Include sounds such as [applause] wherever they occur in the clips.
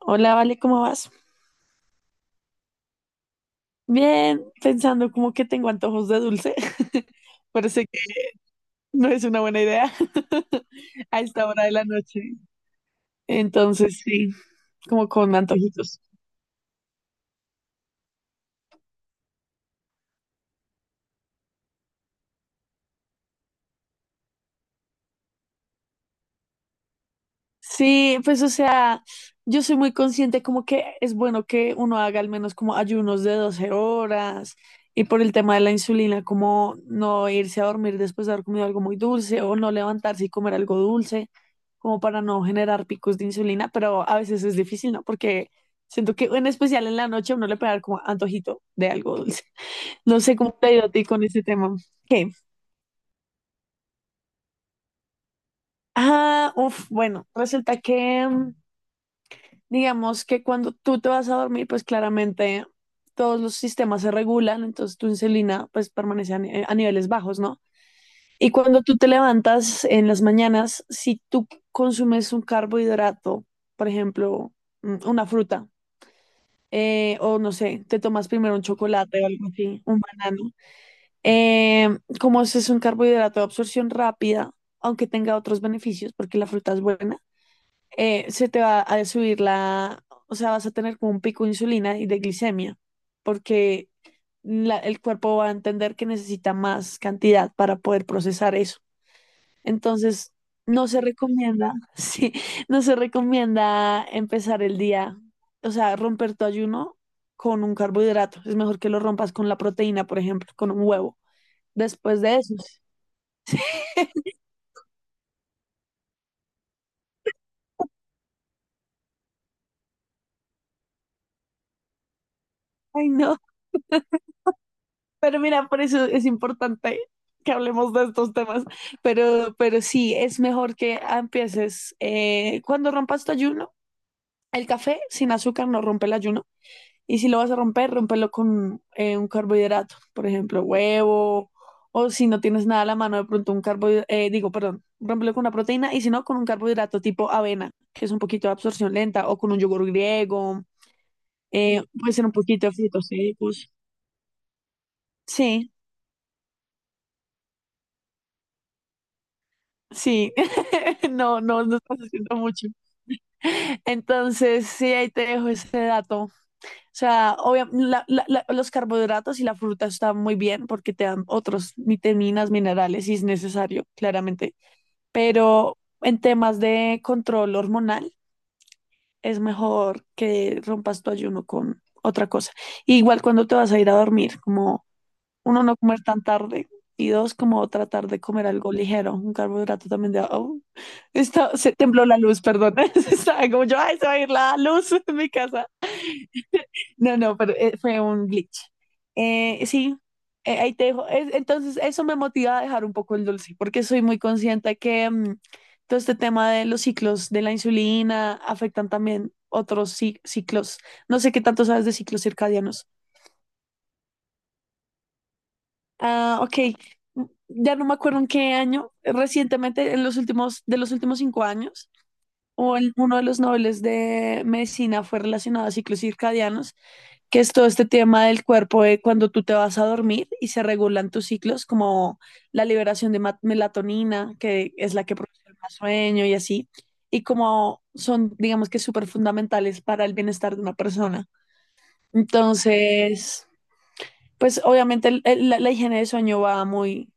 Hola, Vale, ¿cómo vas? Bien, pensando como que tengo antojos de dulce. [laughs] Parece que no es una buena idea [laughs] a esta hora de la noche. Entonces, sí, como con antojitos. Sí, pues o sea, yo soy muy consciente como que es bueno que uno haga al menos como ayunos de 12 horas y por el tema de la insulina, como no irse a dormir después de haber comido algo muy dulce o no levantarse y comer algo dulce, como para no generar picos de insulina, pero a veces es difícil, ¿no? Porque siento que en especial en la noche a uno le puede dar como antojito de algo dulce. [laughs] No sé cómo te ha ido a ti con este tema. ¿Qué? Ah, uff, bueno, resulta que. Digamos que cuando tú te vas a dormir, pues claramente todos los sistemas se regulan, entonces tu insulina pues permanece a niveles bajos, ¿no? Y cuando tú te levantas en las mañanas, si tú consumes un carbohidrato, por ejemplo, una fruta, o no sé, te tomas primero un chocolate o algo así, un banano, eh, como ese es un carbohidrato de absorción rápida, aunque tenga otros beneficios, porque la fruta es buena, se te va a subir la, o sea, vas a tener como un pico de insulina y de glicemia, porque el cuerpo va a entender que necesita más cantidad para poder procesar eso. Entonces, no se recomienda, [laughs] sí, no se recomienda empezar el día, o sea, romper tu ayuno con un carbohidrato. Es mejor que lo rompas con la proteína, por ejemplo, con un huevo. Después de eso. [laughs] Ay, no. Pero mira, por eso es importante que hablemos de estos temas. Pero sí, es mejor que empieces cuando rompas tu ayuno. El café sin azúcar no rompe el ayuno. Y si lo vas a romper, rompelo con un carbohidrato, por ejemplo, huevo, o si no tienes nada a la mano, de pronto un carbohidrato, digo, perdón, rompelo con una proteína, y si no, con un carbohidrato tipo avena, que es un poquito de absorción lenta, o con un yogur griego, puede ser un poquito de frutos secos. Sí. Sí, [laughs] no, no, no estás haciendo mucho. Entonces, sí, ahí te dejo ese dato. O sea, obviamente, los carbohidratos y la fruta están muy bien porque te dan otros vitaminas, minerales, si es necesario, claramente. Pero en temas de control hormonal, es mejor que rompas tu ayuno con otra cosa. Igual cuando te vas a ir a dormir, como uno, no comer tan tarde y dos, como tratar de comer algo ligero, un carbohidrato también de, oh, se tembló la luz, perdón. [laughs] Estaba como yo, ay, se va a ir la luz [laughs] en mi casa. No, no, pero fue un glitch. Sí, ahí te dejo. Entonces, eso me motiva a dejar un poco el dulce, porque soy muy consciente que todo este tema de los ciclos de la insulina afectan también otros ciclos. No sé qué tanto sabes de ciclos circadianos. Ah, ok. Ya no me acuerdo en qué año, recientemente, de los últimos 5 años, o en uno de los nobles de medicina fue relacionado a ciclos circadianos, que es todo este tema del cuerpo de cuando tú te vas a dormir y se regulan tus ciclos, como la liberación de melatonina, que es la que produce más sueño y así, y como son, digamos que súper fundamentales para el bienestar de una persona. Entonces. Pues obviamente la higiene de sueño va muy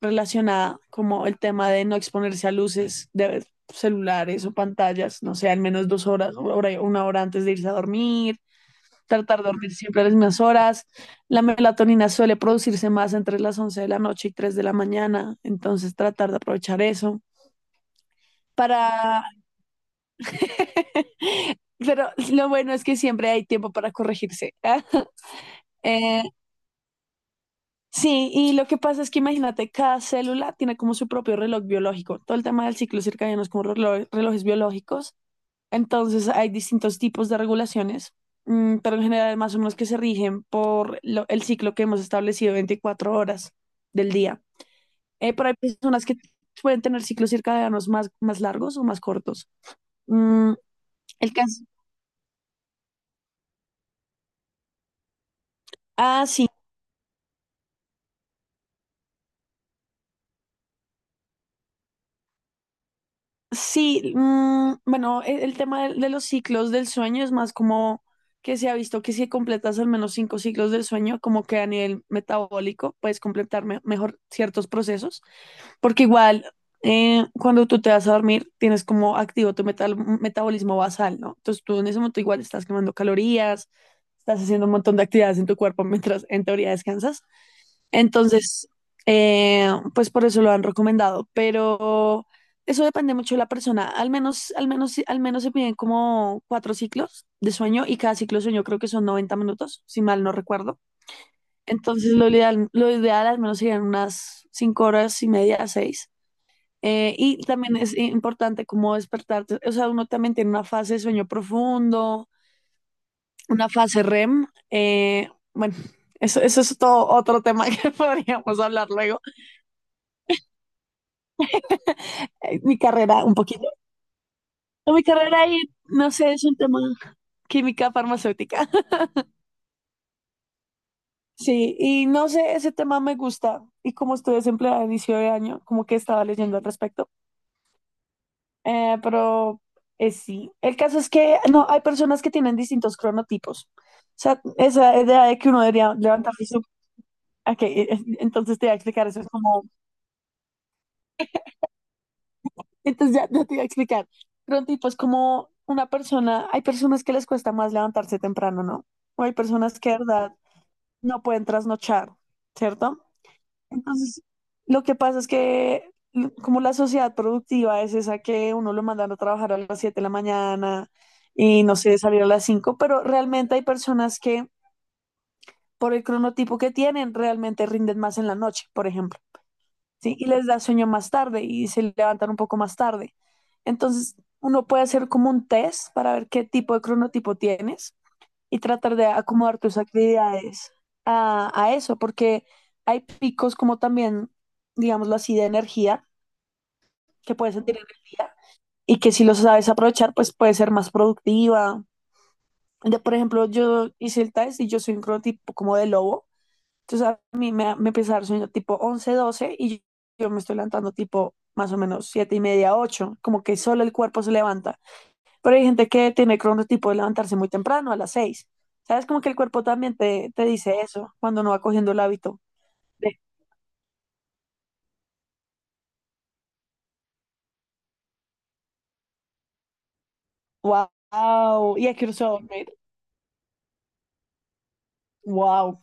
relacionada como el tema de no exponerse a luces de celulares o pantallas, no sé, al menos 2 horas, una hora antes de irse a dormir, tratar de dormir siempre a las mismas horas. La melatonina suele producirse más entre las 11 de la noche y 3 de la mañana, entonces tratar de aprovechar eso para. [gasps] Pero lo bueno es que siempre hay tiempo para corregirse. [laughs] Eh, Sí, y lo que pasa es que imagínate, cada célula tiene como su propio reloj biológico. Todo el tema del ciclo circadiano es como relojes biológicos. Entonces hay distintos tipos de regulaciones, pero en general más o menos que se rigen por el ciclo que hemos establecido, 24 horas del día. Pero hay personas que pueden tener ciclos circadianos más largos o más cortos. Mm, el caso. Ah, sí. Sí, bueno, el tema de los ciclos del sueño es más como que se ha visto que si completas al menos cinco ciclos del sueño, como que a nivel metabólico puedes completar mejor ciertos procesos, porque igual cuando tú te vas a dormir tienes como activo tu metabolismo basal, ¿no? Entonces tú en ese momento igual estás quemando calorías, estás haciendo un montón de actividades en tu cuerpo mientras en teoría descansas. Entonces, pues por eso lo han recomendado, pero eso depende mucho de la persona. Al menos, al menos, al menos se piden como cuatro ciclos de sueño y cada ciclo de sueño creo que son 90 minutos, si mal no recuerdo. Entonces, lo ideal al menos serían unas 5 horas y media, seis. Y también es importante como despertarte, o sea, uno también tiene una fase de sueño profundo, una fase REM. Bueno, eso es todo otro tema [laughs] que podríamos hablar luego. Mi carrera, un poquito. No, mi carrera y no sé, es un tema química farmacéutica. [laughs] Sí, y no sé, ese tema me gusta. Y como estoy desempleada a inicio de año, como que estaba leyendo al respecto. Pero sí, el caso es que no, hay personas que tienen distintos cronotipos. O sea, esa idea de que uno debería levantarse su. Ok, entonces te voy a explicar, eso es como. Entonces ya, ya te voy a explicar. Cronotipo es como una persona, hay personas que les cuesta más levantarse temprano, ¿no? O hay personas que, de verdad, no pueden trasnochar, ¿cierto? Entonces, lo que pasa es que como la sociedad productiva es esa que uno lo mandan a trabajar a las 7 de la mañana y no sé, salir a las 5, pero realmente hay personas que por el cronotipo que tienen realmente rinden más en la noche, por ejemplo, ¿sí? Y les da sueño más tarde y se levantan un poco más tarde. Entonces, uno puede hacer como un test para ver qué tipo de cronotipo tienes y tratar de acomodar tus actividades a eso, porque hay picos como también, digámoslo así, de energía, que puedes sentir energía y que si lo sabes aprovechar, pues puedes ser más productiva. Por ejemplo, yo hice el test y yo soy un cronotipo como de lobo, entonces a mí me empieza a dar sueño tipo 11, 12 y yo me estoy levantando tipo más o menos 7:30, 8 como que solo el cuerpo se levanta. Pero hay gente que tiene el cronotipo de levantarse muy temprano, a las 6. ¿Sabes? Como que el cuerpo también te dice eso cuando no va cogiendo el hábito. De, wow, y aquí usó dormir. Wow.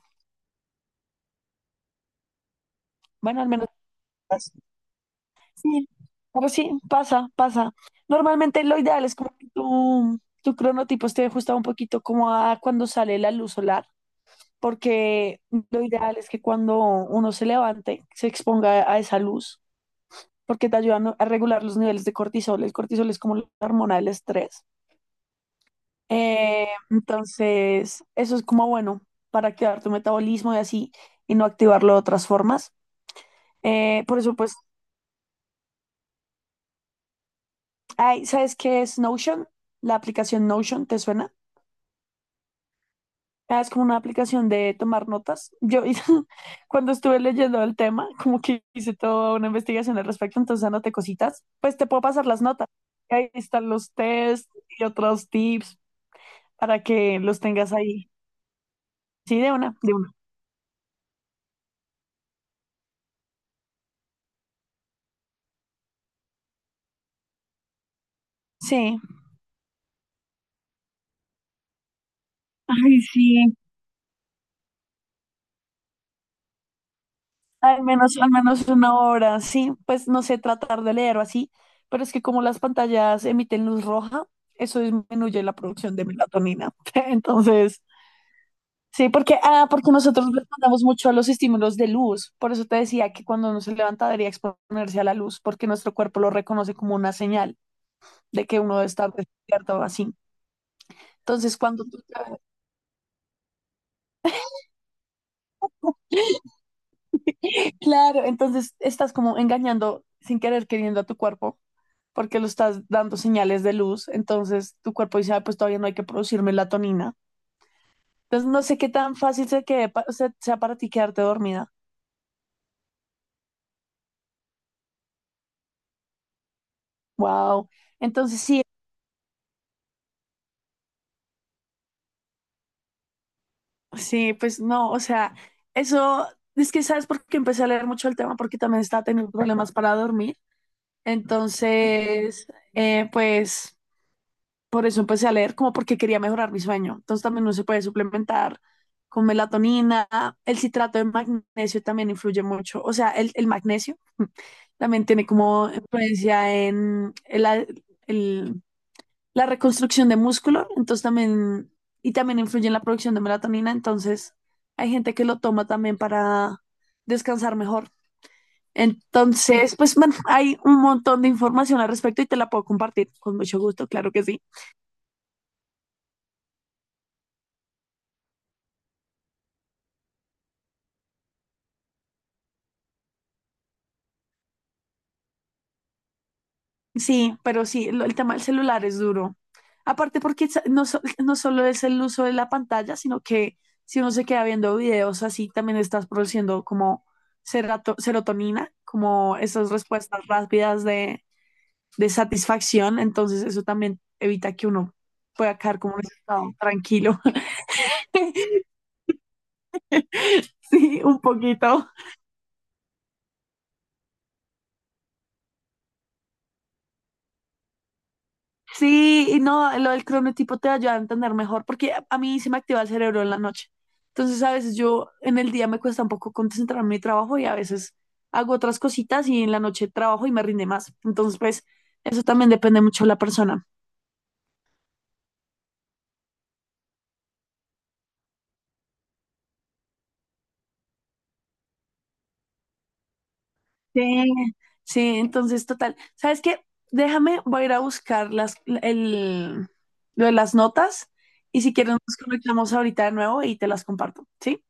Bueno, al menos. Pasa. Sí, pero sí, pasa, pasa. Normalmente lo ideal es como que tu cronotipo esté ajustado un poquito como a cuando sale la luz solar, porque lo ideal es que cuando uno se levante, se exponga a esa luz porque te ayudan a regular los niveles de cortisol. El cortisol es como la hormona del estrés. Entonces, eso es como bueno para activar tu metabolismo y así, y no activarlo de otras formas. Por eso, pues, ay, ¿sabes qué es Notion? La aplicación Notion, ¿te suena? Ah, es como una aplicación de tomar notas. Yo [laughs] cuando estuve leyendo el tema, como que hice toda una investigación al respecto, entonces anoté cositas. Pues te puedo pasar las notas. Ahí están los tests y otros tips para que los tengas ahí. Sí, de una, de una. Sí. Ay, sí. Al menos una hora, sí, pues no sé, tratar de leer o así, pero es que como las pantallas emiten luz roja, eso disminuye la producción de melatonina. [laughs] Entonces, sí, porque, ah, porque nosotros respondemos mucho a los estímulos de luz, por eso te decía que cuando uno se levanta debería exponerse a la luz, porque nuestro cuerpo lo reconoce como una señal de que uno está despierto o así. Entonces, cuando tú te. Claro, entonces estás como engañando sin querer queriendo a tu cuerpo porque lo estás dando señales de luz, entonces tu cuerpo dice, "Ah, pues todavía no hay que producir melatonina". Entonces no sé qué tan fácil se quede o sea, sea para ti quedarte dormida. Wow. Entonces sí, sí, pues no, o sea, eso es que sabes por qué empecé a leer mucho el tema porque también estaba teniendo problemas para dormir. Entonces, pues por eso empecé a leer, como porque quería mejorar mi sueño. Entonces también uno se puede suplementar con melatonina, el citrato de magnesio también influye mucho, o sea, el magnesio [laughs] también tiene como influencia en el- la reconstrucción de músculo, entonces también, y también influye en la producción de melatonina, entonces hay gente que lo toma también para descansar mejor. Entonces, pues bueno, hay un montón de información al respecto y te la puedo compartir con mucho gusto, claro que sí. Sí, pero sí, el tema del celular es duro. Aparte porque no, [laughs] no solo es el uso de la pantalla, sino que si uno se queda viendo videos así, también estás produciendo como serotonina, como esas respuestas rápidas de satisfacción. Entonces eso también evita que uno pueda quedar como en ese estado tranquilo. [laughs] Sí, un poquito. Sí, y no, lo del cronotipo te ayuda a entender mejor, porque a mí se me activa el cerebro en la noche. Entonces, a veces yo en el día me cuesta un poco concentrarme en mi trabajo y a veces hago otras cositas y en la noche trabajo y me rinde más. Entonces, pues, eso también depende mucho de la persona. Sí, sí, entonces, total. ¿Sabes qué? Déjame, voy a ir a buscar las, el, lo de las notas y si quieres nos conectamos ahorita de nuevo y te las comparto, ¿sí?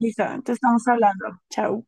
Listo, entonces estamos hablando. Chao.